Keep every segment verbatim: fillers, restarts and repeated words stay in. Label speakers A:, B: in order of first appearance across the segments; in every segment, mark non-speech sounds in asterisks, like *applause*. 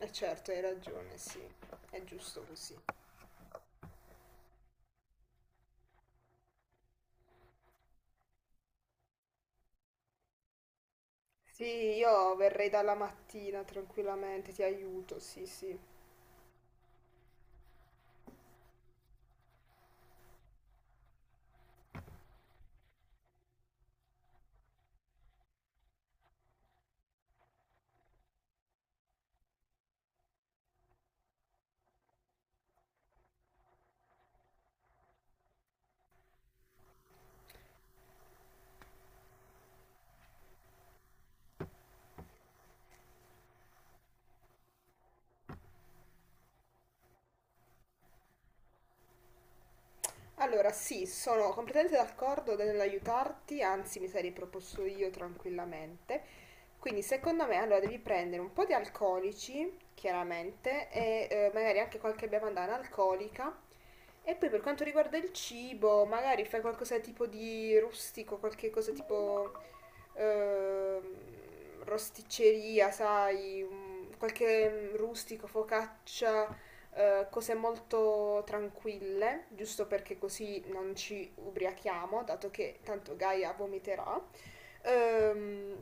A: Eh certo, hai ragione, sì, è giusto così. Sì, io verrei dalla mattina tranquillamente, ti aiuto, sì, sì. Allora, sì, sono completamente d'accordo nell'aiutarti, anzi mi sarei proposto io tranquillamente. Quindi secondo me allora devi prendere un po' di alcolici, chiaramente, e eh, magari anche qualche bevanda analcolica. E poi per quanto riguarda il cibo, magari fai qualcosa tipo di rustico, qualche cosa tipo ehm, rosticceria, sai, un- qualche mm, rustico, focaccia, eh, cose molto tranquille, giusto perché così non ci ubriachiamo, dato che tanto Gaia vomiterà. Ehm,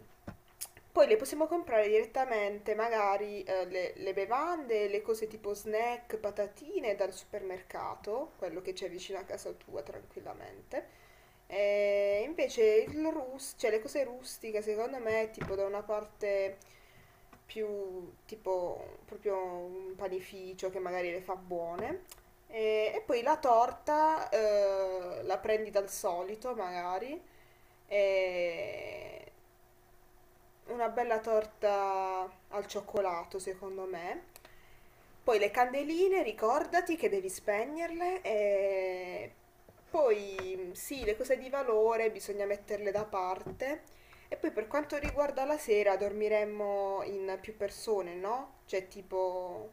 A: Poi le possiamo comprare direttamente, magari eh, le, le bevande, le cose tipo snack, patatine dal supermercato, quello che c'è vicino a casa tua tranquillamente. E invece il rus- cioè le cose rustiche secondo me è tipo da una parte più tipo proprio un panificio che magari le fa buone e, e poi la torta eh, la prendi dal solito magari e, una bella torta al cioccolato, secondo me. Poi le candeline, ricordati che devi spegnerle e poi sì, le cose di valore bisogna metterle da parte. E poi per quanto riguarda la sera, dormiremmo in più persone, no? Cioè tipo.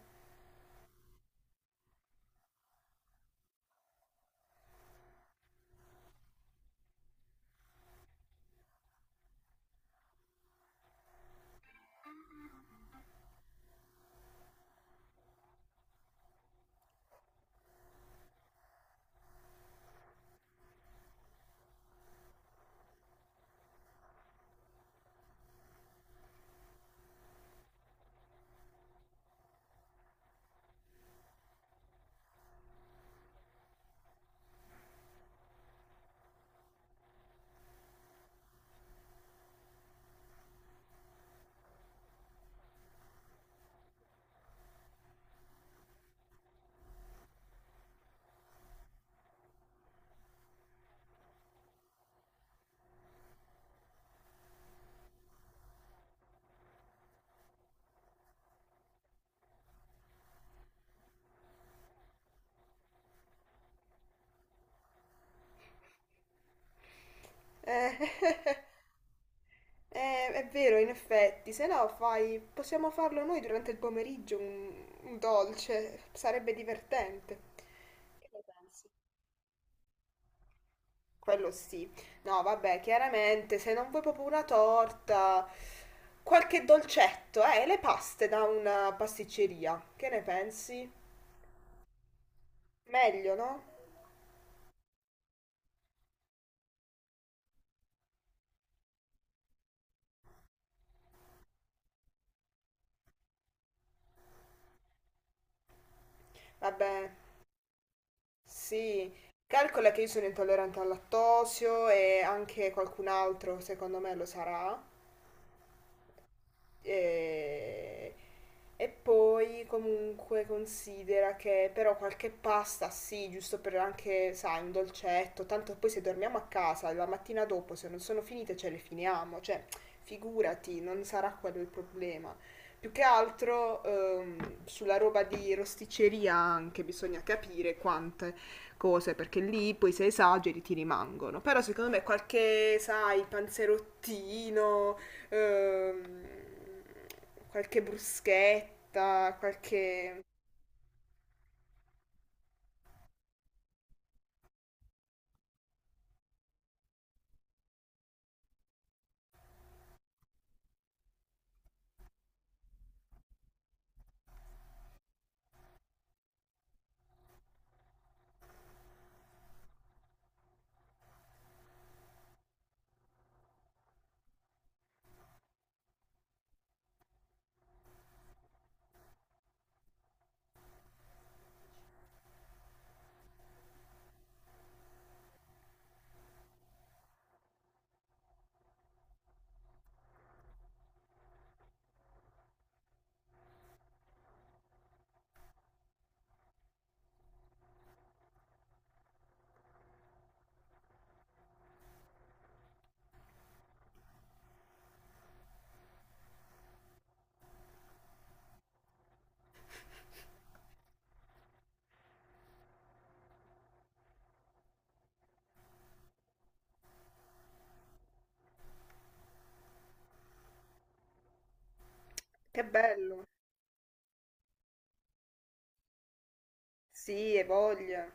A: Eh, *laughs* eh, è vero, in effetti, se no fai, possiamo farlo noi durante il pomeriggio un, un dolce, sarebbe divertente. Quello sì. No, vabbè, chiaramente se non vuoi proprio una torta, qualche dolcetto, eh, le paste da una pasticceria. Che ne pensi? Meglio, no? Vabbè, sì. Calcola che io sono intollerante al lattosio e anche qualcun altro, secondo me, lo sarà. E, e poi comunque considera che però qualche pasta sì, giusto per anche, sai, un dolcetto, tanto poi se dormiamo a casa la mattina dopo, se non sono finite ce le finiamo, cioè figurati, non sarà quello il problema. Più che altro ehm, sulla roba di rosticceria anche bisogna capire quante cose, perché lì poi se esageri ti rimangono. Però secondo me qualche, sai, panzerottino, ehm, qualche bruschetta, qualche. Che bello! Sì, e voglia.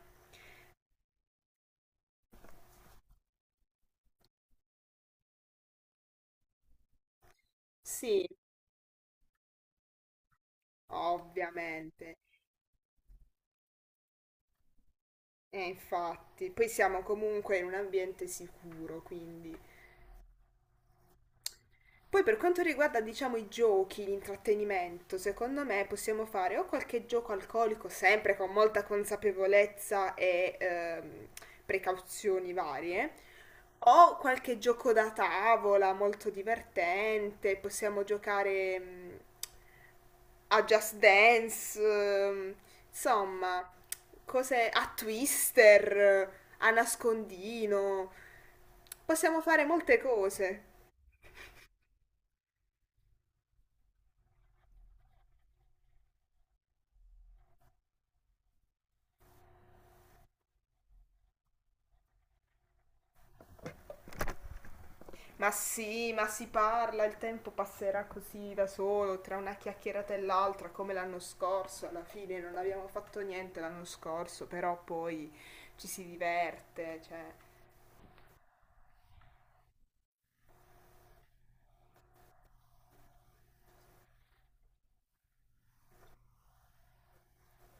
A: Sì, ovviamente. E infatti, poi siamo comunque in un ambiente sicuro, quindi. Poi per quanto riguarda, diciamo, i giochi, l'intrattenimento, secondo me possiamo fare o qualche gioco alcolico, sempre con molta consapevolezza e ehm, precauzioni varie, o qualche gioco da tavola molto divertente, possiamo giocare mm, a Just Dance, ehm, insomma, cose a Twister, a nascondino. Possiamo fare molte cose. Ma sì, ma si parla, il tempo passerà così da solo, tra una chiacchierata e l'altra, come l'anno scorso, alla fine non abbiamo fatto niente l'anno scorso, però poi ci si diverte, cioè,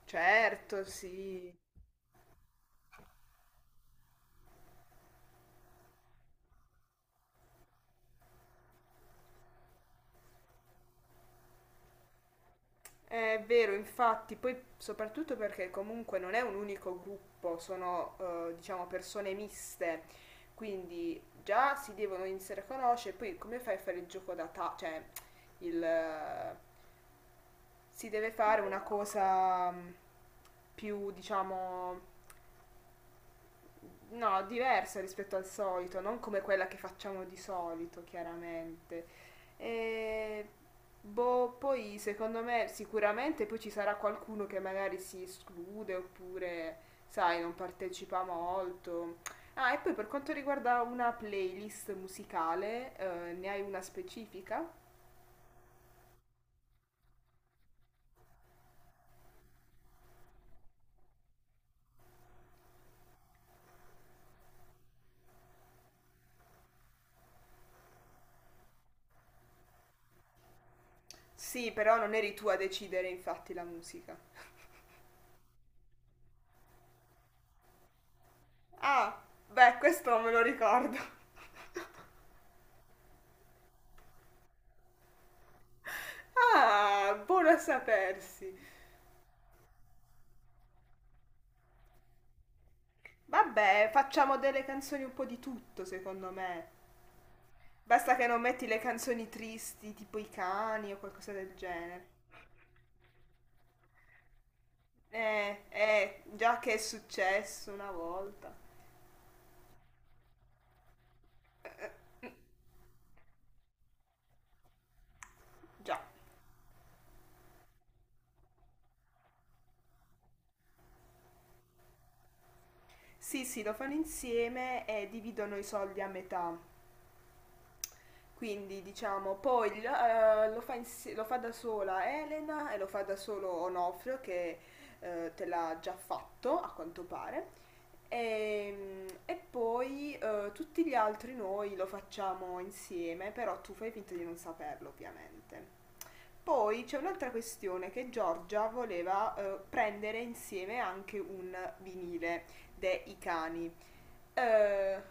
A: certo, sì. È vero, infatti, poi soprattutto perché comunque non è un unico gruppo, sono eh, diciamo persone miste, quindi già si devono iniziare a conoscere, poi come fai a fare il gioco da ta- cioè il eh, si deve fare una cosa mm, più, diciamo, no, diversa rispetto al solito, non come quella che facciamo di solito, chiaramente. E. Boh, poi secondo me sicuramente poi ci sarà qualcuno che magari si esclude oppure, sai, non partecipa molto. Ah, e poi per quanto riguarda una playlist musicale, eh, ne hai una specifica? Sì, però non eri tu a decidere infatti la musica. Ah, beh, questo me lo ricordo. *laughs* Ah, buono a sapersi. Vabbè, facciamo delle canzoni un po' di tutto, secondo me. Basta che non metti le canzoni tristi, tipo i cani o qualcosa del genere. Eh, eh, già che è successo una volta. Già. Sì, sì, lo fanno insieme e dividono i soldi a metà. Quindi diciamo, poi eh, lo, fa insi- lo fa da sola Elena e lo fa da solo Onofrio che eh, te l'ha già fatto a quanto pare. E, e poi eh, tutti gli altri noi lo facciamo insieme, però tu fai finta di non saperlo ovviamente. Poi c'è un'altra questione che Giorgia voleva eh, prendere insieme anche un vinile dei cani. Eh,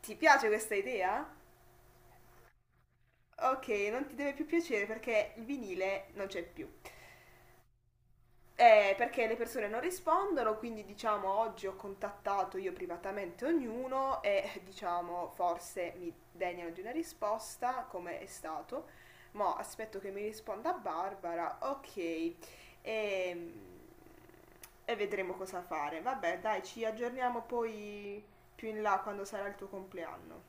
A: ti piace questa idea? Ok, non ti deve più piacere perché il vinile non c'è più. Eh, perché le persone non rispondono, quindi diciamo oggi ho contattato io privatamente ognuno e diciamo forse mi degnano di una risposta, come è stato. Ma aspetto che mi risponda Barbara, ok, e, e vedremo cosa fare. Vabbè, dai, ci aggiorniamo poi più in là quando sarà il tuo compleanno.